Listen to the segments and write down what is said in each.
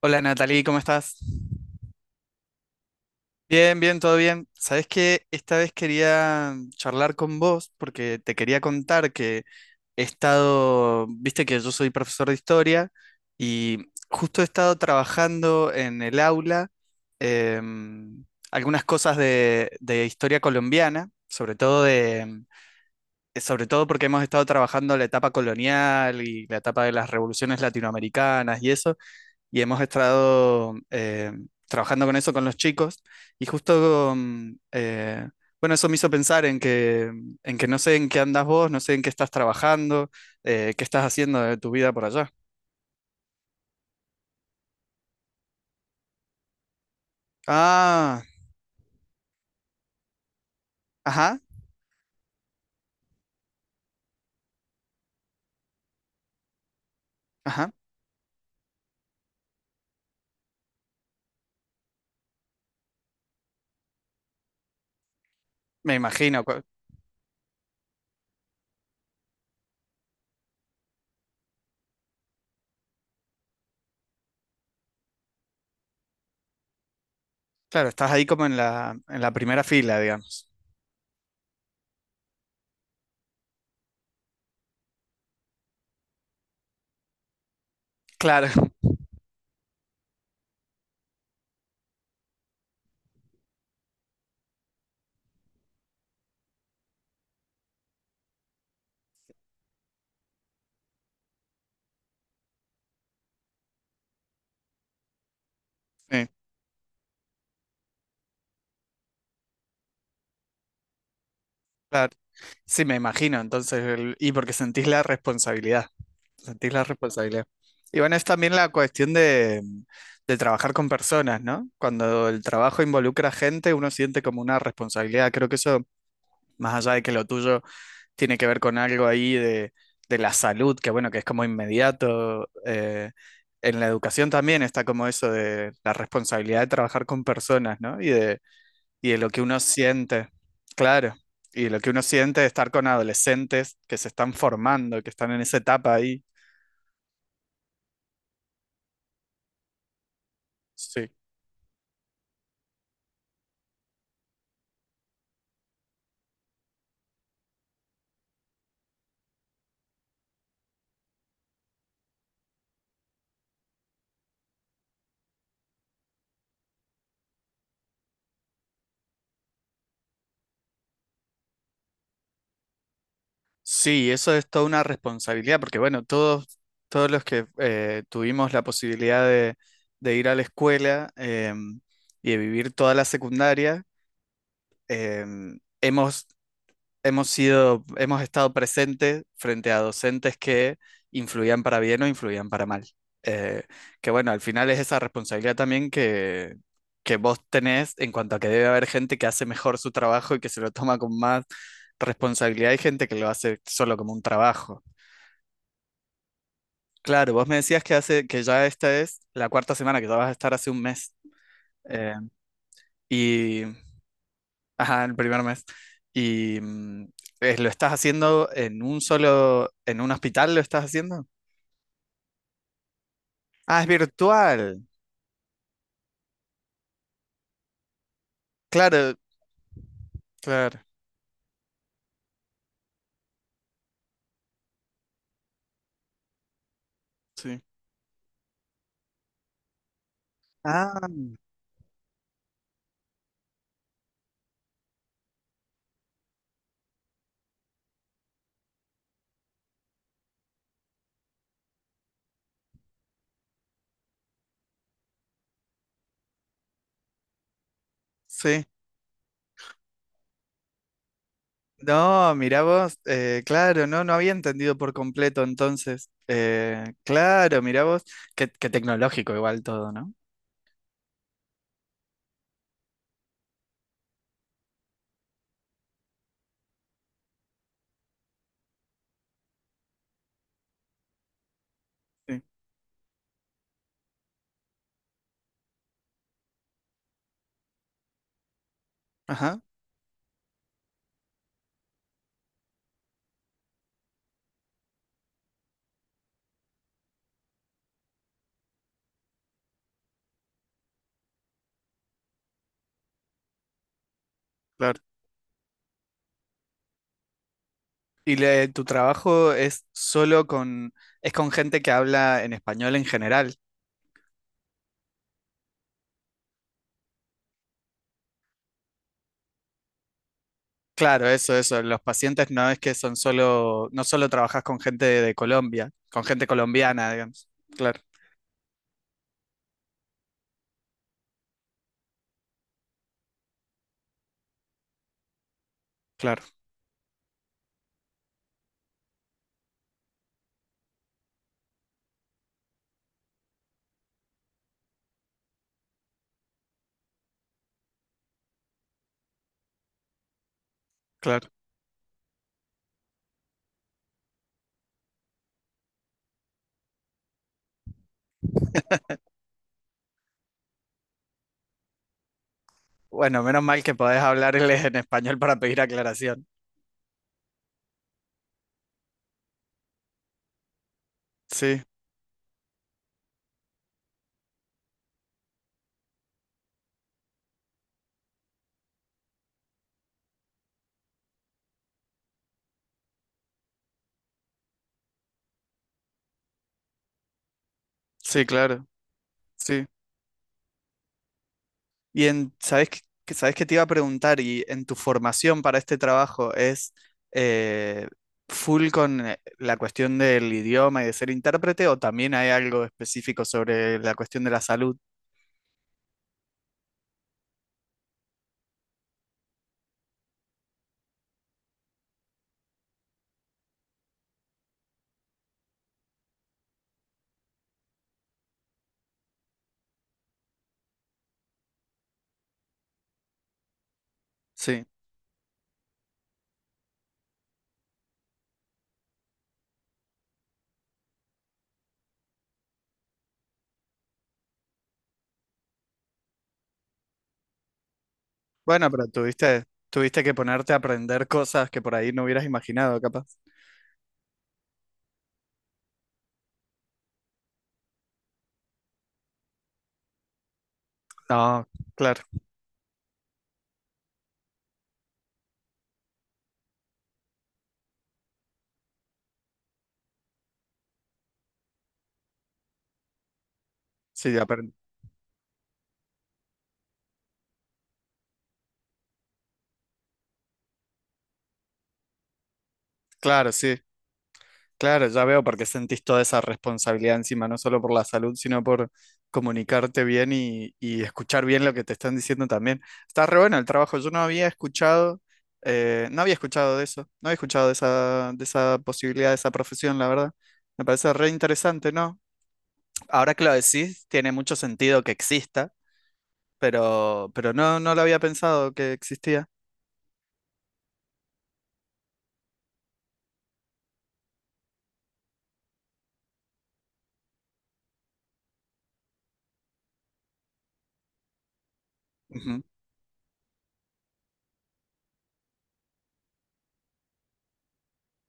Hola Natalie, ¿cómo estás? Bien, bien, todo bien. Sabes que esta vez quería charlar con vos porque te quería contar que he estado, viste que yo soy profesor de historia y justo he estado trabajando en el aula em, algunas cosas de historia colombiana, sobre todo porque hemos estado trabajando la etapa colonial y la etapa de las revoluciones latinoamericanas y eso y hemos estado trabajando con eso con los chicos y justo, bueno, eso me hizo pensar en que, no sé en qué andas vos, no sé en qué estás trabajando, qué estás haciendo de tu vida por allá. Ah, ajá, ajá, me imagino. Claro, estás ahí como en la primera fila, digamos. Claro, sí, claro. Sí, me imagino, entonces, y porque sentís la responsabilidad. Sentís la responsabilidad. Y bueno, es también la cuestión de trabajar con personas, ¿no? Cuando el trabajo involucra gente, uno siente como una responsabilidad. Creo que eso, más allá de que lo tuyo tiene que ver con algo ahí de la salud, que bueno, que es como inmediato. En la educación también está como eso de la responsabilidad de trabajar con personas, ¿no? Y de lo que uno siente, claro. Y de lo que uno siente de estar con adolescentes que se están formando, que están en esa etapa ahí. Sí. Sí, eso es toda una responsabilidad, porque bueno, todos los que tuvimos la posibilidad de ir a la escuela em, y de vivir toda la secundaria, em, hemos, hemos estado presentes frente a docentes que influían para bien o influían para mal. Eh, que bueno, al final es esa responsabilidad también que vos tenés en cuanto a que debe haber gente que hace mejor su trabajo y que se lo toma con más responsabilidad y gente que lo hace solo como un trabajo. Claro, vos me decías que ya esta es la cuarta semana, que ya vas a estar hace un mes. eh, y, ajá, el primer mes. Y lo estás haciendo en en un hospital lo estás haciendo. Ah, es virtual. Claro, claro, sí. Ah, sí. No, mirá vos, claro, no, no había entendido por completo entonces. Claro, mirá vos, qué, qué tecnológico igual todo, ¿no? Sí. Ajá, claro. ¿Y le- tu trabajo es solo con, es con gente que habla en español en general? Claro, eso, eso. Los pacientes no es que son solo, no solo trabajas con gente de Colombia, con gente colombiana, digamos. Claro, claro, claro. Bueno, menos mal que podés hablarles en español para pedir aclaración. Sí, sí, claro. Sí. Y en, sabes que te iba a preguntar? Y en tu formación para este trabajo es eh, full con la cuestión del idioma y de ser intérprete, o también hay algo específico sobre la cuestión de la salud. Sí. Bueno, pero tuviste que ponerte a aprender cosas que por ahí no hubieras imaginado, capaz. No, claro. Sí, Claro, sí. Claro, ya veo por qué sentís toda esa responsabilidad encima, no solo por la salud, sino por comunicarte bien y escuchar bien lo que te están diciendo también. Está re bueno el trabajo. Yo no había escuchado, no había escuchado de eso, no había escuchado de esa posibilidad, de esa profesión, la verdad. Me parece re interesante, ¿no? Ahora que lo decís, tiene mucho sentido que exista, pero no lo había pensado que existía. Ujú.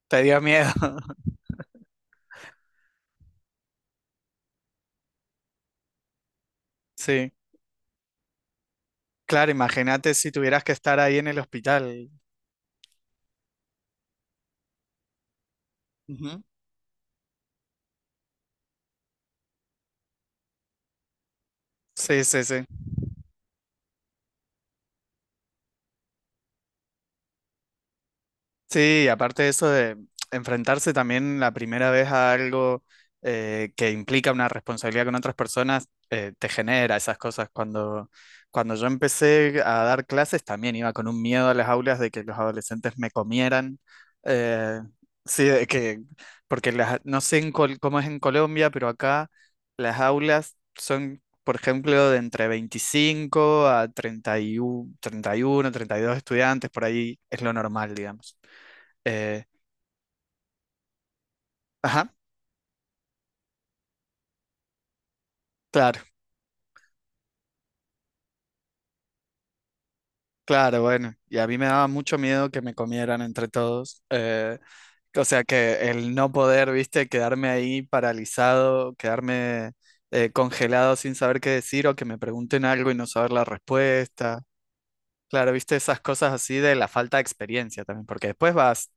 Te dio miedo. Sí. Claro, imagínate si tuvieras que estar ahí en el hospital. Ujú. Sí, sí, sí. Sí, aparte de eso de enfrentarse también la primera vez a algo que implica una responsabilidad con otras personas, te genera esas cosas. Cuando yo empecé a dar clases, también iba con un miedo a las aulas de que los adolescentes me comieran. eh, sí, porque las, no sé cómo es en Colombia, pero acá las aulas son, por ejemplo, de entre 25 a 30 31, 31 32 estudiantes, por ahí es lo normal, digamos. Eh, ajá, claro, claro, bueno. Y a mí me daba mucho miedo que me comieran entre todos. O sea, que el no poder, viste, quedarme ahí paralizado, quedarme congelado sin saber qué decir o que me pregunten algo y no saber la respuesta. Claro, viste, esas cosas así de la falta de experiencia también, porque después vas,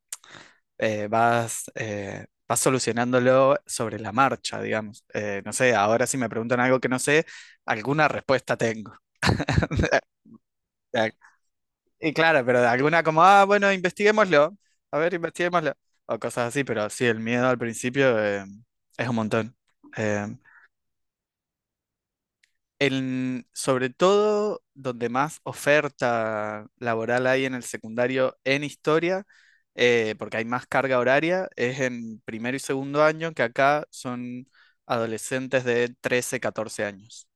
eh, vas, eh, vas solucionándolo sobre la marcha, digamos. No sé, ahora si me preguntan algo que no sé, alguna respuesta tengo. Y claro, pero de alguna como, ah, bueno, investiguémoslo. A ver, investiguémoslo. O cosas así, pero sí, el miedo al principio es un montón. Eh, sobre todo donde más oferta laboral hay en el secundario en historia, porque hay más carga horaria, es en primero y segundo año, que acá son adolescentes de 13 14 años.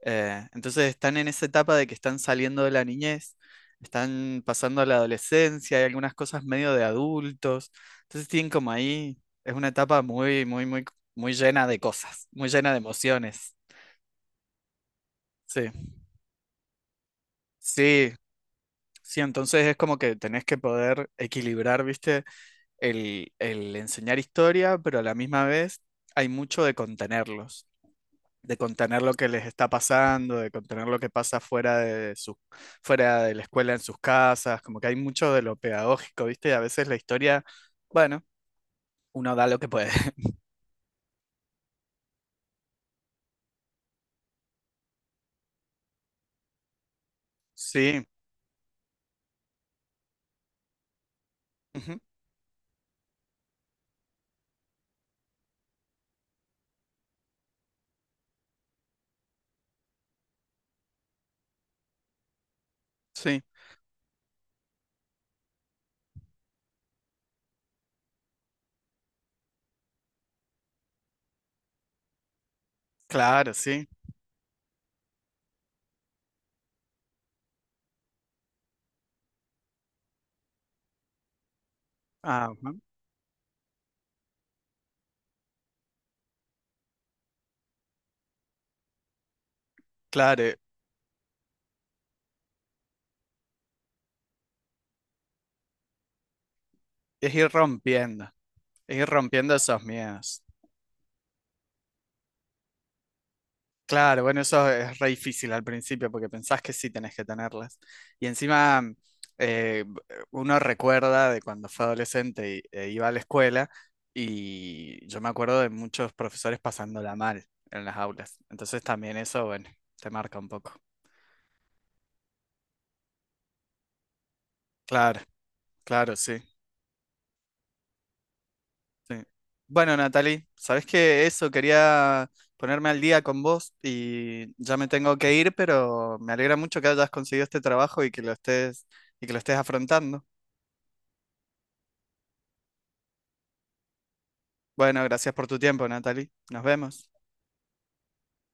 Entonces están en esa etapa de que están saliendo de la niñez, están pasando a la adolescencia, hay algunas cosas medio de adultos. Entonces tienen como ahí, es una etapa muy, muy, muy, muy llena de cosas, muy llena de emociones. Sí, sí, sí, entonces es como que tenés que poder equilibrar, ¿viste? El enseñar historia, pero a la misma vez hay mucho de contenerlos. De contener lo que les está pasando, de contener lo que pasa fuera de su, fuera de la escuela en sus casas, como que hay mucho de lo pedagógico, ¿viste? Y a veces la historia, bueno, uno da lo que puede. Sí, ujú, sí, claro, sí. Ajá, claro, es ir rompiendo, es ir rompiendo esos miedos. Claro, bueno, eso es re difícil al principio porque pensás que sí tenés que tenerlas. Y encima eh, uno recuerda de cuando fue adolescente y, e iba a la escuela y yo me acuerdo de muchos profesores pasándola mal en las aulas. Entonces también eso, bueno, te marca un poco. Claro, claro, sí, sí. Bueno, Natalie, sabés que eso quería ponerme al día con vos y ya me tengo que ir, pero me alegra mucho que hayas conseguido este trabajo y que lo estés afrontando. Bueno, gracias por tu tiempo, Natalie. Nos vemos.